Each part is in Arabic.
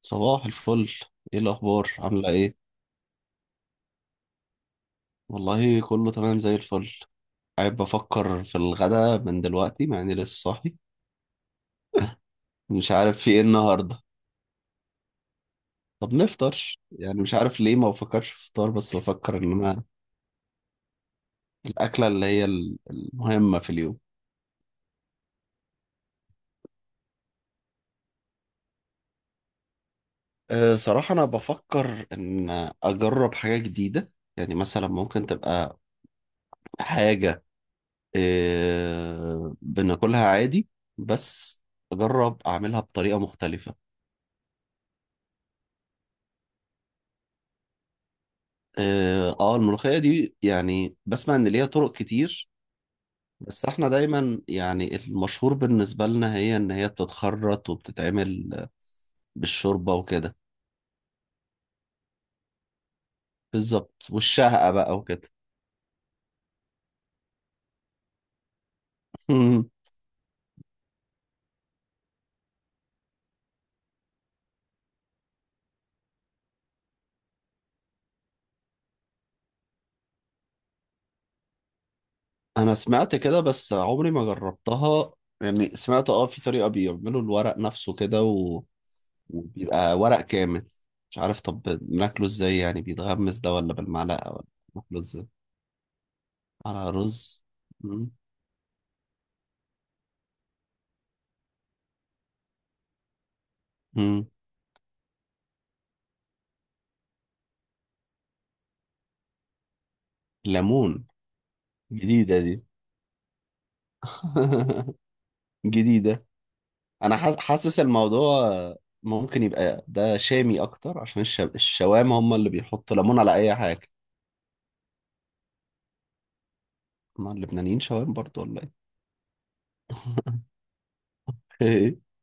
صباح الفل. ايه الاخبار؟ عامله ايه؟ والله، كله تمام زي الفل. قاعد بفكر في الغدا من دلوقتي، مع اني لسه صاحي. مش عارف في ايه النهارده. طب نفطر، يعني مش عارف ليه ما بفكرش في فطار، بس بفكر ان انا الاكله اللي هي المهمه في اليوم. صراحه انا بفكر ان اجرب حاجه جديده. يعني مثلا ممكن تبقى حاجه بناكلها عادي، بس اجرب اعملها بطريقه مختلفه. اه، آه، الملوخية دي يعني بسمع ان ليها طرق كتير. بس احنا دايما يعني المشهور بالنسبة لنا هي ان هي بتتخرط وبتتعمل بالشوربة وكده. بالظبط، والشهقة بقى وكده. انا سمعت كده، بس عمري ما جربتها. يعني سمعت، في طريقة بيعملوا الورق نفسه كده وبيبقى ورق كامل. مش عارف، طب بناكله ازاي؟ يعني بيتغمس ده ولا بالمعلقة ولا؟ بناكله ازاي؟ على رز؟ مم. مم. ليمون. جديدة دي. جديدة. أنا حاسس الموضوع ممكن يبقى ده شامي أكتر، عشان الشوام هم اللي بيحطوا ليمون على أي حاجة. ما اللبنانيين شوام برضو ولا إيه؟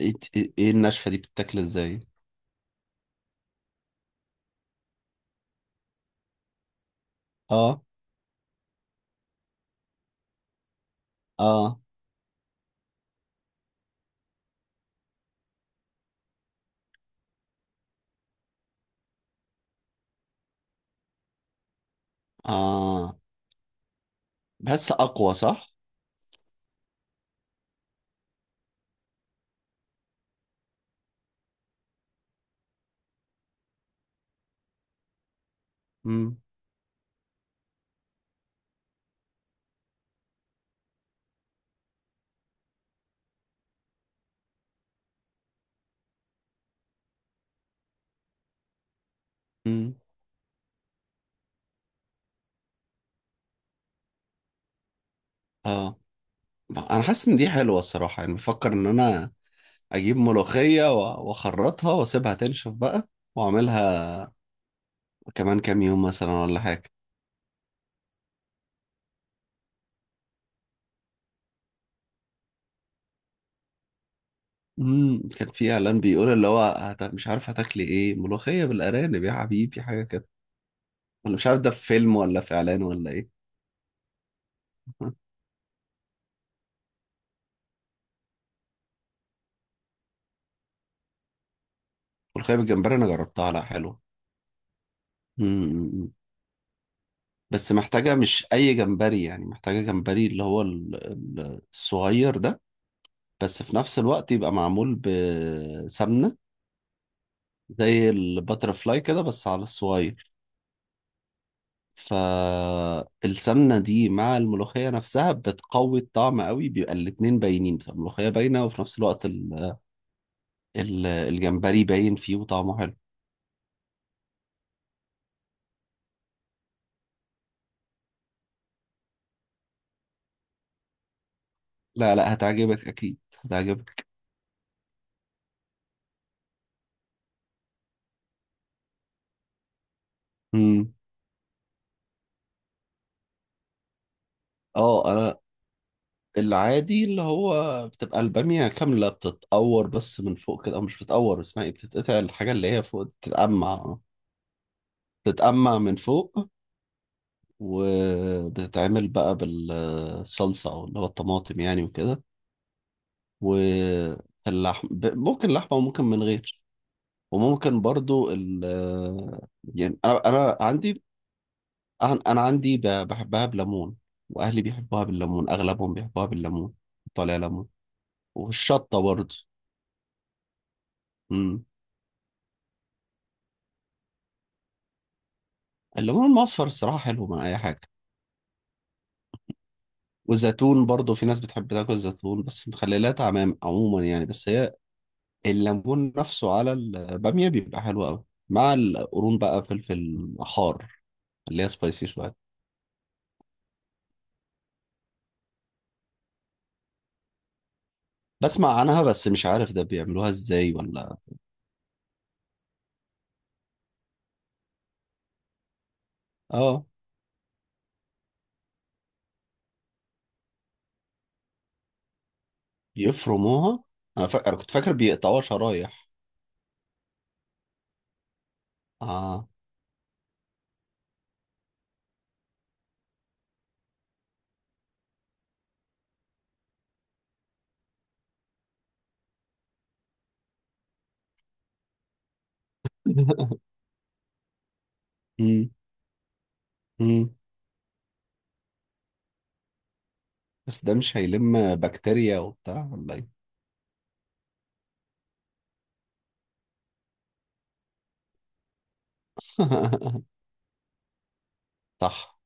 إيه النشفة دي بتتاكل إزاي؟ آه. آه. آه. بحس أقوى، صح؟ مم. مم. آه. أنا حاسس إن دي حلوة الصراحة، يعني بفكر إن أنا أجيب ملوخية وأخرطها وأسيبها تنشف بقى، وأعملها كمان كام يوم مثلا ولا حاجة. كان في اعلان بيقول اللي هو مش عارف، هتاكلي ايه؟ ملوخيه بالارانب يا حبيبي، حاجه كده. ولا مش عارف ده في فيلم ولا في اعلان ولا ايه. ملوخيه بالجمبري انا جربتها، لا حلوه. امم بس محتاجه مش اي جمبري، يعني محتاجه جمبري اللي هو الصغير ده. بس في نفس الوقت يبقى معمول بسمنه، زي الباترفلاي كده بس على الصغير. فالسمنة دي مع الملوخية نفسها بتقوي الطعم قوي، بيبقى الاتنين باينين، بتبقى الملوخية باينة، وفي نفس الوقت الجمبري باين فيه وطعمه حلو. لا، لا هتعجبك أكيد. هتعجبك. مم. اه، أنا العادي اللي هو بتبقى البامية كاملة، بتتقور بس من فوق كده، أو مش بتتقور، اسمها ايه، بتتقطع الحاجة اللي هي فوق دي، بتتقمع. بتتقمع من فوق، وبتتعمل بقى بالصلصة أو اللي هو الطماطم يعني وكده. واللحم ممكن لحمة وممكن من غير. وممكن برضو. يعني أنا عندي أنا عندي بحبها بليمون. وأهلي بيحبوها بالليمون، أغلبهم بيحبوها بالليمون. طالع ليمون. والشطة برضو. مم. الليمون المصفر الصراحة حلو مع أي حاجة. والزيتون برضو، في ناس بتحب تاكل الزيتون بس. مخللات عموما يعني. بس هي الليمون نفسه على البامية بيبقى حلو أوي، مع القرون بقى، فلفل حار، اللي هي سبايسي شوية. بسمع عنها، بس مش عارف ده بيعملوها ازاي ولا. اه، بيفرموها. انا كنت فاكر بيقطعوها شرايح. اه. مم. مم. بس ده مش هيلم بكتيريا وبتاع ولا ايه؟ صح.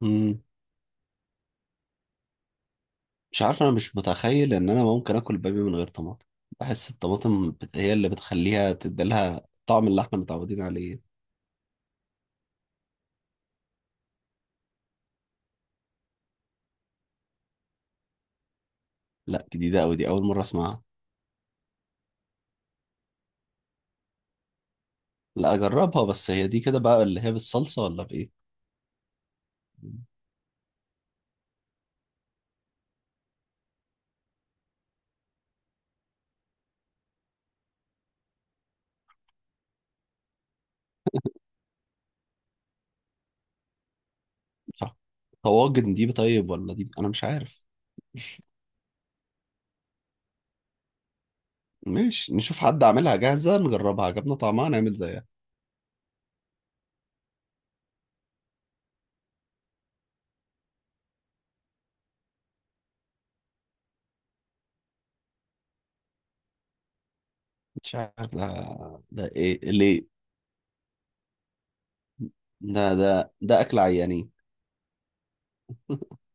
مم. مش عارف، انا مش متخيل ان انا ممكن اكل باميه من غير طماطم. بحس الطماطم هي اللي بتخليها تديلها طعم اللي احنا متعودين عليه. لا، جديده قوي دي، اول مره اسمعها. لا اجربها، بس هي دي كده بقى اللي هي بالصلصه ولا بايه؟ صح. طواجن دي طيب، ولا دي انا مش عارف. ماشي، نشوف حد عاملها جاهزة، نجربها، عجبنا طعمها، نعمل زيها. مش عارف ده ايه ليه. ده اكل عيانين.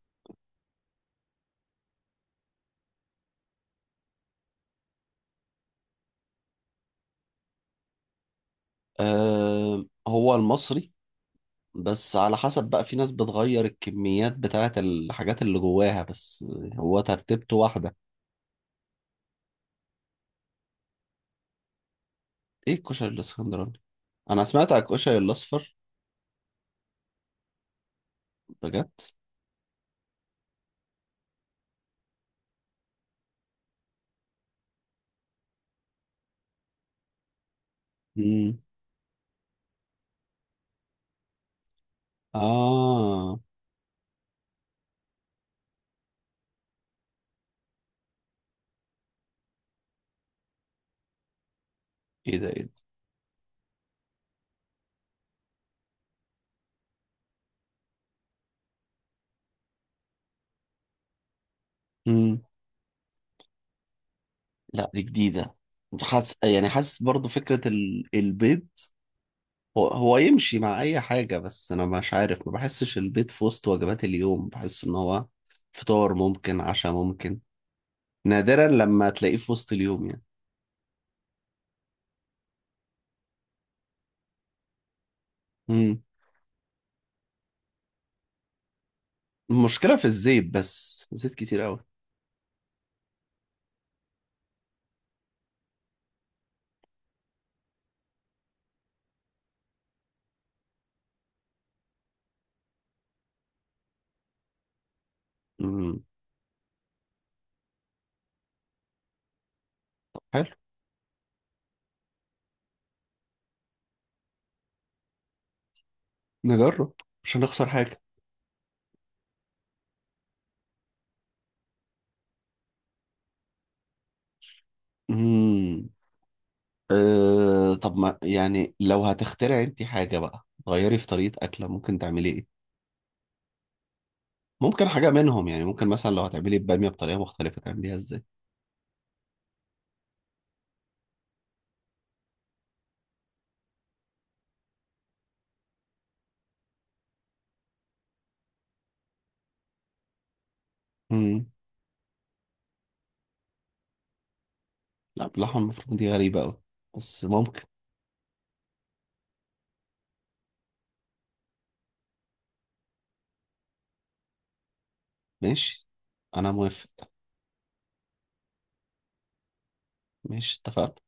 أه، هو المصري. بس على حسب بقى، في ناس بتغير الكميات بتاعة الحاجات اللي جواها بس، هو ترتيبته واحدة. ايه الكشري الاسكندراني؟ انا سمعت على الكشري الاصفر. بجد؟ امم. اه. ايه ده؟ ايه ده؟ مم. لا دي جديدة. يعني حاسس برضو فكرة البيض. هو يمشي مع أي حاجة، بس أنا مش عارف، ما بحسش البيض في وسط وجبات اليوم. بحس إن هو فطار ممكن، عشاء ممكن، نادرا لما تلاقيه في وسط اليوم يعني. مم. المشكلة في الزيت بس، زيت كتير أوي. مم. طب حلو، نجرب، مش هنخسر حاجة. مم. طب ما يعني لو هتخترعي أنت حاجة بقى غيري في طريقة أكلة، ممكن تعملي إيه؟ ممكن حاجة منهم، يعني ممكن مثلا لو هتعملي البامية بطريقة مختلفة تعمليها ازاي؟ امم. لا باللحمة المفرومة دي غريبة أوي، بس ممكن. ماشي، أنا موافق. ماشي، اتفقنا.